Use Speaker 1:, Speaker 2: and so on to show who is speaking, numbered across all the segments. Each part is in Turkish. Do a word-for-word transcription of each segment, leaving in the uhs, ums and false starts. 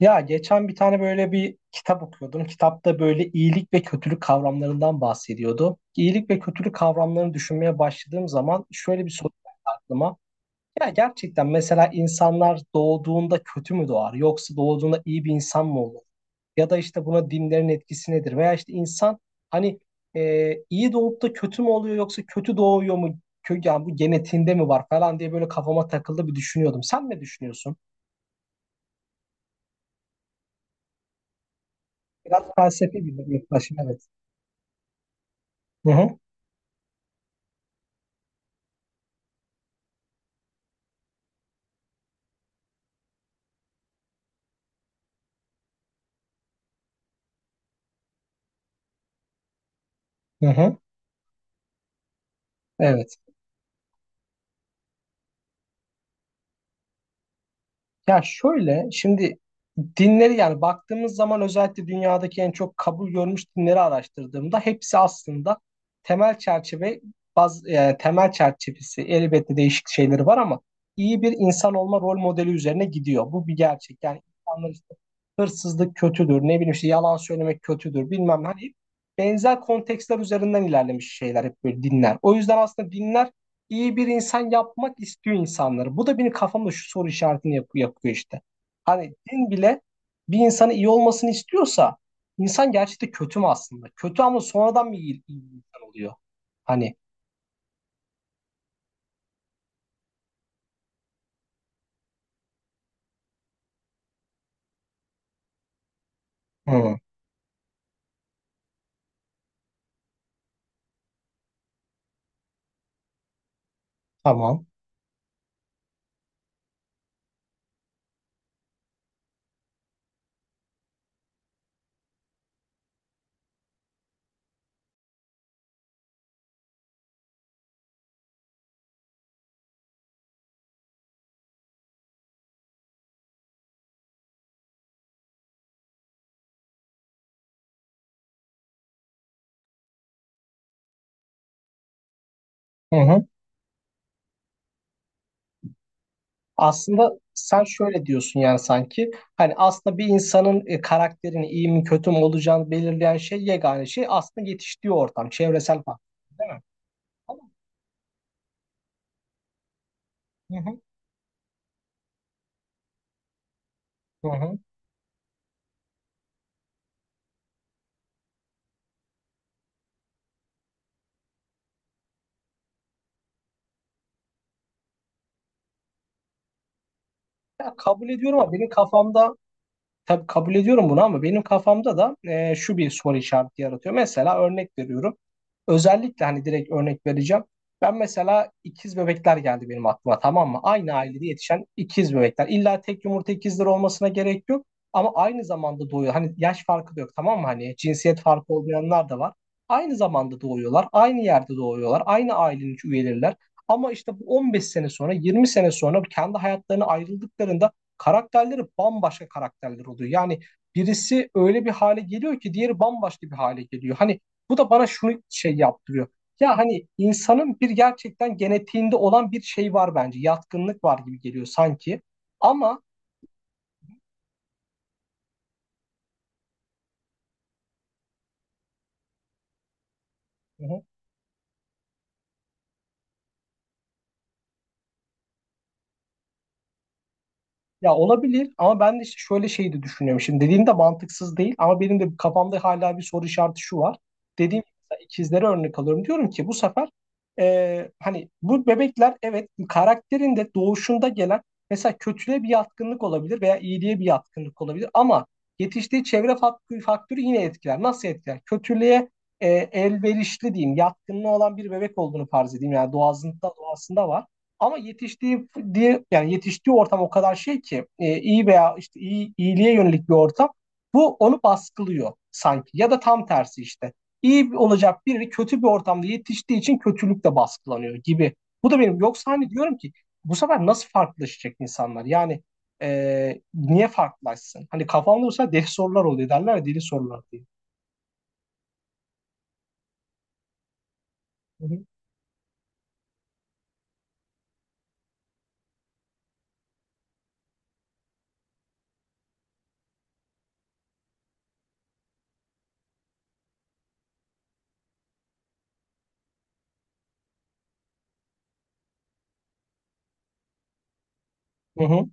Speaker 1: Ya geçen bir tane böyle bir kitap okuyordum. Kitapta böyle iyilik ve kötülük kavramlarından bahsediyordu. İyilik ve kötülük kavramlarını düşünmeye başladığım zaman şöyle bir soru geldi aklıma. Ya gerçekten mesela insanlar doğduğunda kötü mü doğar yoksa doğduğunda iyi bir insan mı olur? Ya da işte buna dinlerin etkisi nedir? Veya işte insan hani e, iyi doğup da kötü mü oluyor yoksa kötü doğuyor mu? Kö- Yani bu genetiğinde mi var falan diye böyle kafama takıldı bir düşünüyordum. Sen ne düşünüyorsun? Biraz felsefi bir yaklaşım, evet. Hı hı, hı hı. Evet. Ya şöyle şimdi dinleri yani baktığımız zaman özellikle dünyadaki en çok kabul görmüş dinleri araştırdığımda hepsi aslında temel çerçeve baz, yani temel çerçevesi elbette değişik şeyleri var ama iyi bir insan olma rol modeli üzerine gidiyor. Bu bir gerçek. Yani insanlar işte hırsızlık kötüdür, ne bileyim işte yalan söylemek kötüdür bilmem ne. Hani benzer kontekstler üzerinden ilerlemiş şeyler hep böyle dinler. O yüzden aslında dinler iyi bir insan yapmak istiyor insanları. Bu da benim kafamda şu soru işaretini yap- yapıyor işte. Hani din bile bir insanın iyi olmasını istiyorsa insan gerçekten kötü mü aslında? Kötü ama sonradan mı iyi, iyi bir insan oluyor? Hani hı, tamam. Hı hı. Aslında sen şöyle diyorsun yani sanki hani aslında bir insanın e, karakterini iyi mi kötü mü olacağını belirleyen şey, yegane şey aslında yetiştiği ortam, çevresel faktör, değil mi? Tamam. Hı hı, hı hı. Ya kabul ediyorum ama benim kafamda Tabii kabul ediyorum bunu ama benim kafamda da e, şu bir soru işareti yaratıyor. Mesela örnek veriyorum. Özellikle hani direkt örnek vereceğim. Ben mesela ikiz bebekler geldi benim aklıma, tamam mı? Aynı ailede yetişen ikiz bebekler. İlla tek yumurta ikizleri olmasına gerek yok. Ama aynı zamanda doğuyor. Hani yaş farkı da yok, tamam mı? Hani cinsiyet farkı olmayanlar da var. Aynı zamanda doğuyorlar. Aynı yerde doğuyorlar. Aynı ailenin üyeleriler. Ama işte bu on beş sene sonra, yirmi sene sonra kendi hayatlarına ayrıldıklarında karakterleri bambaşka karakterler oluyor. Yani birisi öyle bir hale geliyor ki diğeri bambaşka bir hale geliyor. Hani bu da bana şunu şey yaptırıyor. Ya hani insanın bir gerçekten genetiğinde olan bir şey var bence. Yatkınlık var gibi geliyor sanki. Ama hı hı. Ya olabilir ama ben de işte şöyle şey de düşünüyorum. Şimdi dediğin de mantıksız değil ama benim de kafamda hala bir soru işareti şu var. Dediğim gibi mesela ikizlere örnek alıyorum. Diyorum ki bu sefer e, hani bu bebekler evet karakterinde doğuşunda gelen mesela kötülüğe bir yatkınlık olabilir veya iyiliğe bir yatkınlık olabilir ama yetiştiği çevre faktörü, faktörü yine etkiler. Nasıl etkiler? Kötülüğe e, elverişli diyeyim, yatkınlığı olan bir bebek olduğunu farz edeyim. Yani doğasında, doğasında var. Ama yetiştiği diye yani yetiştiği ortam o kadar şey ki e, iyi veya işte iyi, iyiliğe yönelik bir ortam bu onu baskılıyor sanki ya da tam tersi işte. İyi olacak biri kötü bir ortamda yetiştiği için kötülük de baskılanıyor gibi. Bu da benim yoksa hani diyorum ki bu sefer nasıl farklılaşacak insanlar? Yani e, niye farklılaşsın? Hani kafamda olsa deli sorular oluyor, derler ya deli sorular diye. Hı hı. Hı hı.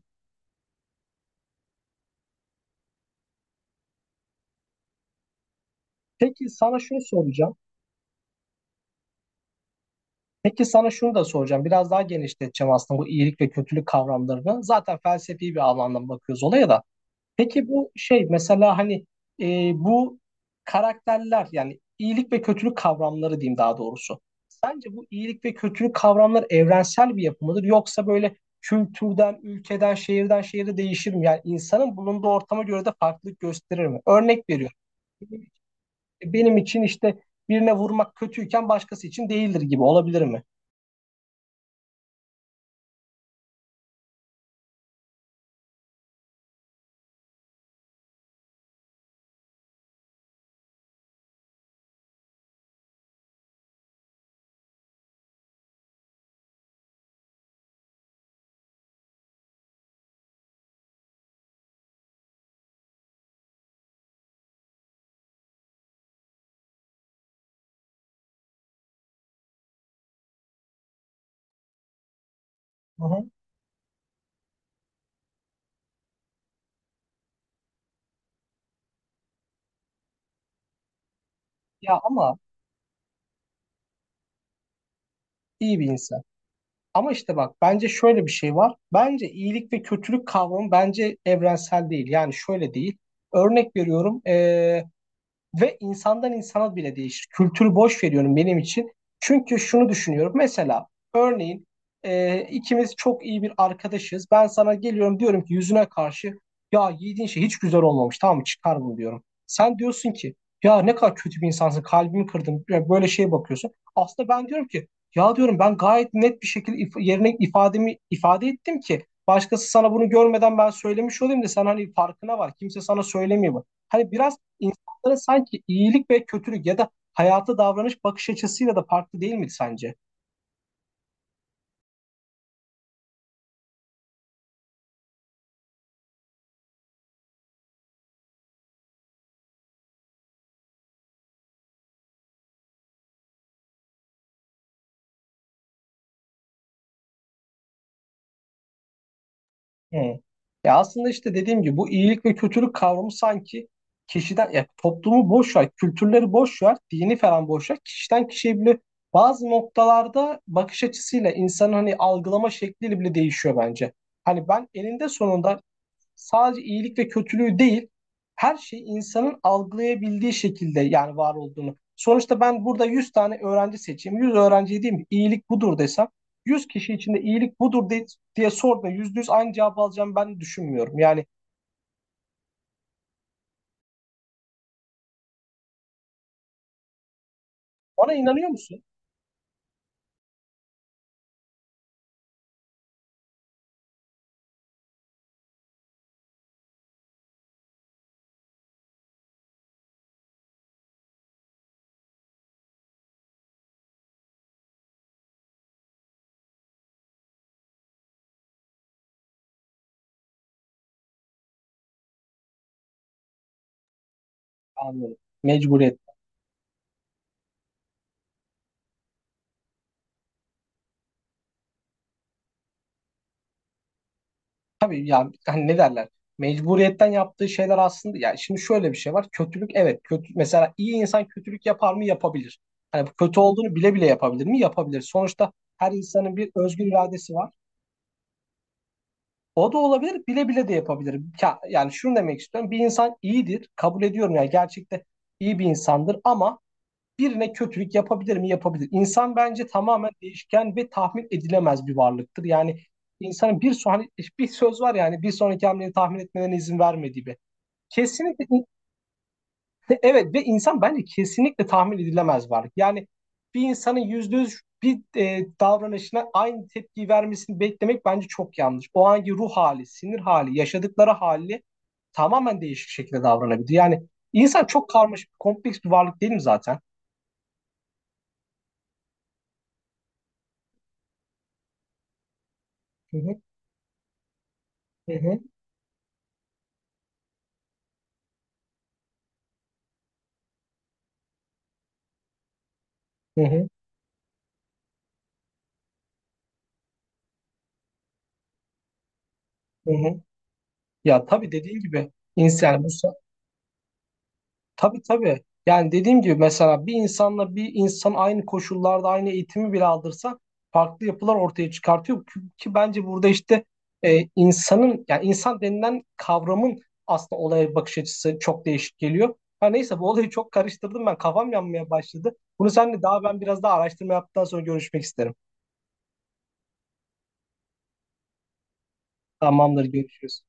Speaker 1: Peki sana şunu soracağım. Peki sana şunu da soracağım. Biraz daha genişleteceğim aslında bu iyilik ve kötülük kavramlarını. Zaten felsefi bir alandan bakıyoruz olaya da. Peki bu şey mesela hani e, bu karakterler, yani iyilik ve kötülük kavramları diyeyim daha doğrusu. Sence bu iyilik ve kötülük kavramları evrensel bir yapı mıdır yoksa böyle kültürden, ülkeden, şehirden şehire değişir mi? Yani insanın bulunduğu ortama göre de farklılık gösterir mi? Örnek veriyorum. Benim için işte birine vurmak kötüyken başkası için değildir gibi olabilir mi? Ya ama iyi bir insan. Ama işte bak bence şöyle bir şey var. Bence iyilik ve kötülük kavramı bence evrensel değil. Yani şöyle değil. Örnek veriyorum. Ve insandan insana bile değişir. Kültürü boş veriyorum benim için. Çünkü şunu düşünüyorum. Mesela örneğin e, ikimiz çok iyi bir arkadaşız. Ben sana geliyorum diyorum ki yüzüne karşı ya yediğin şey hiç güzel olmamış, tamam mı, çıkar bunu diyorum. Sen diyorsun ki ya ne kadar kötü bir insansın, kalbimi kırdın. Ya böyle şeye bakıyorsun. Aslında ben diyorum ki ya diyorum ben gayet net bir şekilde if- yerine ifademi ifade ettim ki başkası sana bunu görmeden ben söylemiş olayım da sen hani farkına var. Kimse sana söylemiyor bu. Hani biraz insanlara sanki iyilik ve kötülük ya da hayata davranış bakış açısıyla da farklı, değil mi sence? Hı. Ya aslında işte dediğim gibi bu iyilik ve kötülük kavramı sanki kişiden, ya toplumu boş ver, kültürleri boş ver, dini falan boş ver. Kişiden kişiye bile bazı noktalarda bakış açısıyla insanın hani algılama şekliyle bile değişiyor bence. Hani ben eninde sonunda sadece iyilik ve kötülüğü değil, her şey insanın algılayabildiği şekilde yani var olduğunu. Sonuçta ben burada yüz tane öğrenci seçeyim. Yüz öğrenciye diyeyim ki iyilik budur desem, yüz kişi içinde iyilik budur de- diye sorduğunda yüz aynı cevabı alacağım ben düşünmüyorum. Yani ona inanıyor musun? Anlıyorum. Mecburiyet. Tabii, ya hani ne derler? Mecburiyetten yaptığı şeyler aslında, ya şimdi şöyle bir şey var. Kötülük evet kötü, mesela iyi insan kötülük yapar mı? Yapabilir. Hani bu kötü olduğunu bile bile yapabilir mi? Yapabilir. Sonuçta her insanın bir özgür iradesi var. O da olabilir, bile bile de yapabilir. Ya- Yani şunu demek istiyorum. Bir insan iyidir, kabul ediyorum yani gerçekte iyi bir insandır ama birine kötülük yapabilir mi? Yapabilir. İnsan bence tamamen değişken ve tahmin edilemez bir varlıktır. Yani insanın bir son, hani bir söz var yani bir sonraki hamleni tahmin etmelerine izin vermediği bir. Kesinlikle evet, ve insan bence kesinlikle tahmin edilemez varlık. Yani bir insanın yüzde yüz bir e, davranışına aynı tepkiyi vermesini beklemek bence çok yanlış. O anki ruh hali, sinir hali, yaşadıkları hali tamamen değişik şekilde davranabilir. Yani insan çok karmaşık, kompleks bir varlık, değil mi zaten? Hı hı, hı hı. Hı hı. Hı hı. Ya tabii dediğin gibi insan yani bu sa- tabii tabii. Yani dediğim gibi mesela bir insanla bir insan aynı koşullarda aynı eğitimi bile aldırsa farklı yapılar ortaya çıkartıyor ki, ki bence burada işte e, insanın yani insan denilen kavramın aslında olaya bakış açısı çok değişik geliyor. Ha neyse, bu olayı çok karıştırdım, ben kafam yanmaya başladı. Bunu seninle daha ben biraz daha araştırma yaptıktan sonra görüşmek isterim. Tamamdır, görüşürüz.